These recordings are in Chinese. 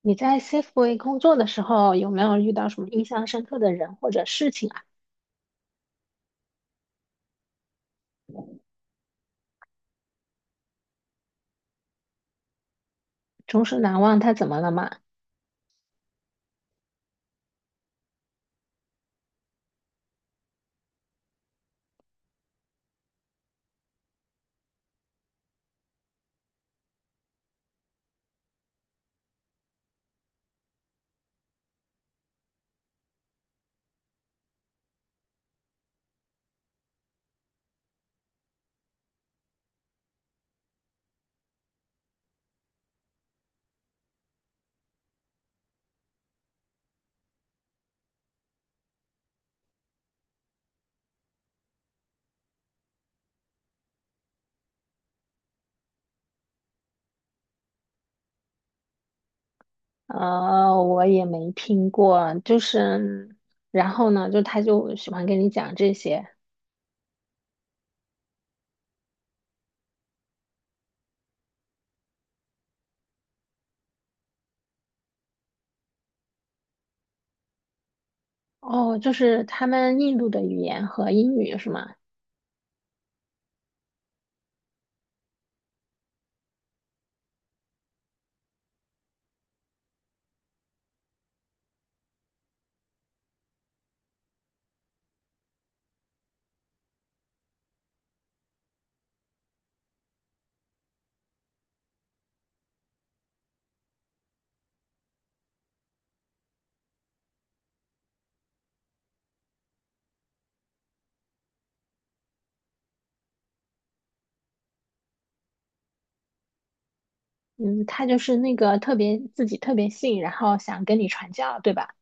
你在 Safeway 工作的时候，有没有遇到什么印象深刻的人或者事情啊？终身难忘，他怎么了嘛？我也没听过，就是，然后呢，就他就喜欢跟你讲这些。哦，就是他们印度的语言和英语是吗？嗯，他就是那个特别自己特别信，然后想跟你传教，对吧？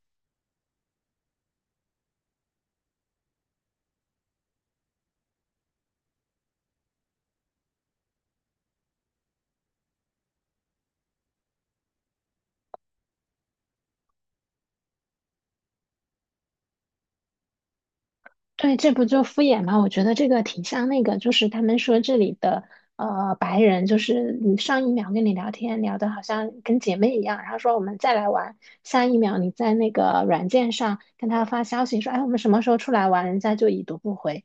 对，这不就敷衍吗？我觉得这个挺像那个，就是他们说这里的白人，就是你上一秒跟你聊天聊的好像跟姐妹一样，然后说我们再来玩，下一秒你在那个软件上跟他发消息说，哎，我们什么时候出来玩，人家就已读不回。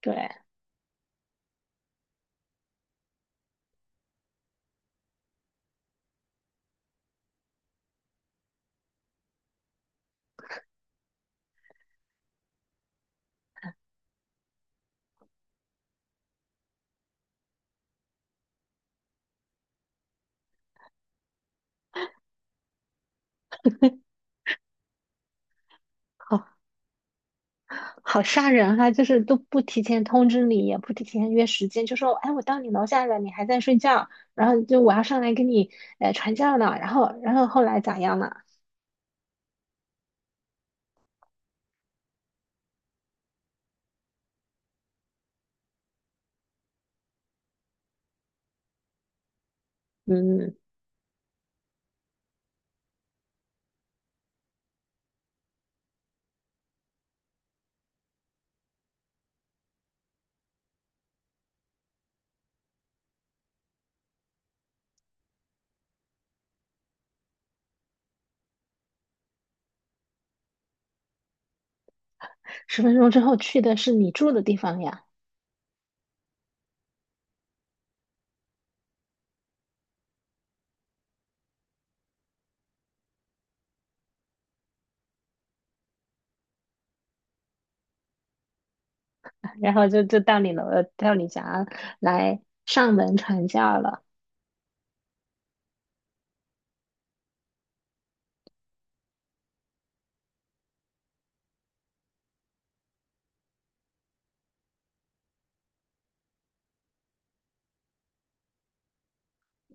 对，好好吓人哈，就是都不提前通知你，也不提前约时间，就说，哎，我到你楼下了，你还在睡觉，然后就我要上来跟你传教呢，然后后来咋样了？嗯。10分钟之后去的是你住的地方呀，然后就到你到你家来上门传教了。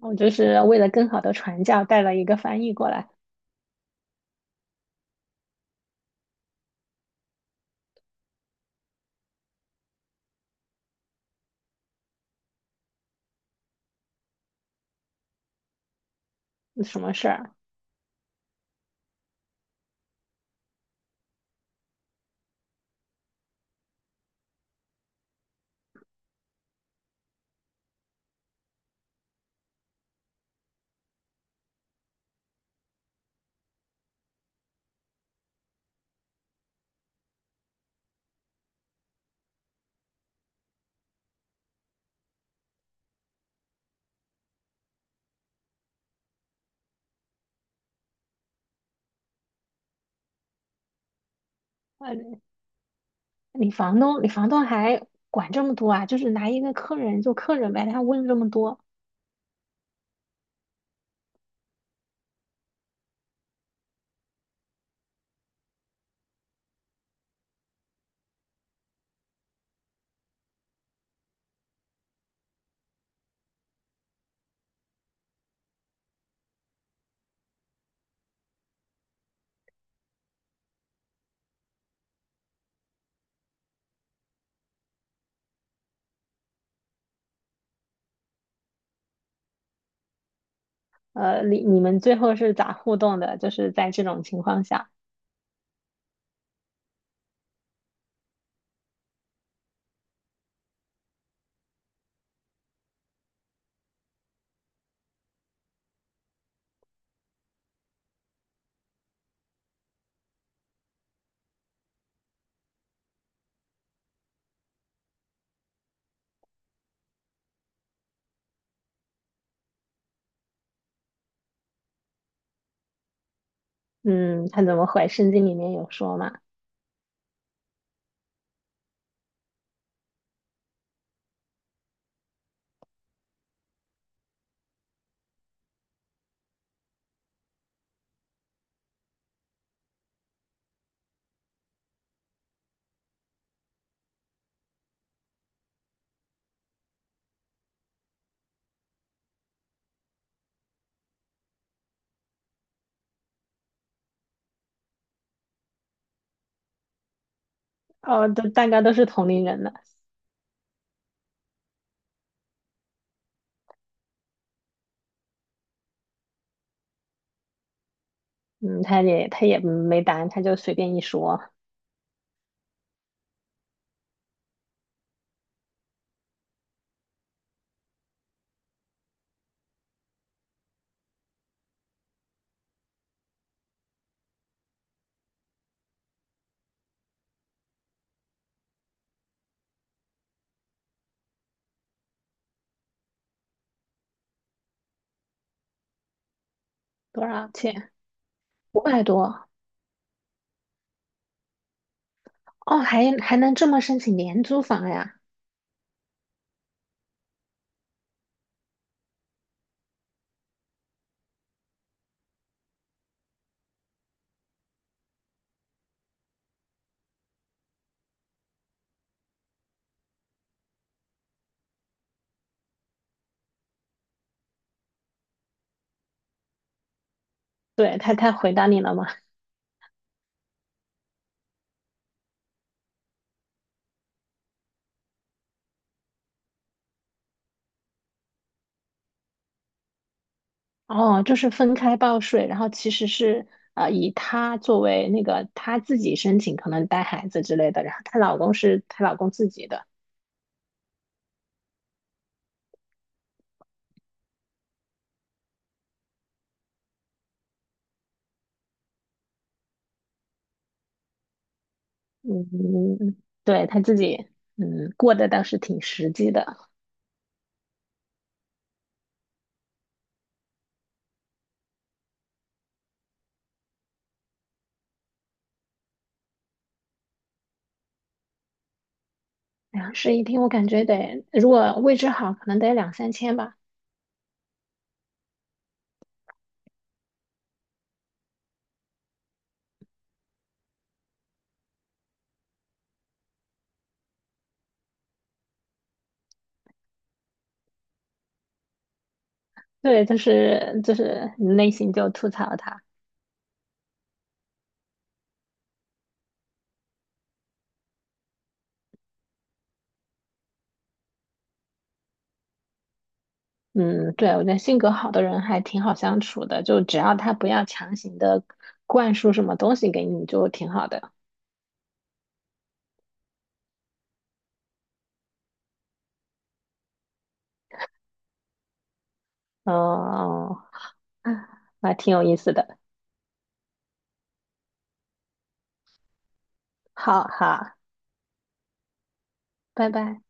我就是为了更好的传教，带了一个翻译过来，嗯什么事儿？呃，你房东，你房东还管这么多啊？就是拿一个客人就客人呗，他问这么多。你你们最后是咋互动的？就是在这种情况下，嗯，他怎么回？圣经里面有说嘛？哦，都大家都是同龄人的，嗯，他也没答案，他就随便一说。多少钱？500多。哦，还还能这么申请廉租房呀？对，他回答你了吗？哦，就是分开报税，然后其实是以她作为那个她自己申请，可能带孩子之类的，然后她老公是她老公自己的。嗯，嗯对，她自己，嗯，过得倒是挺实际的。两室一厅，我感觉得如果位置好，可能得2、3千吧。对，就是就是内心就吐槽她。嗯，对，我觉得性格好的人还挺好相处的，就只要他不要强行的灌输什么东西给你，就挺好的。哦，嗯还挺有意思的。好好，拜拜。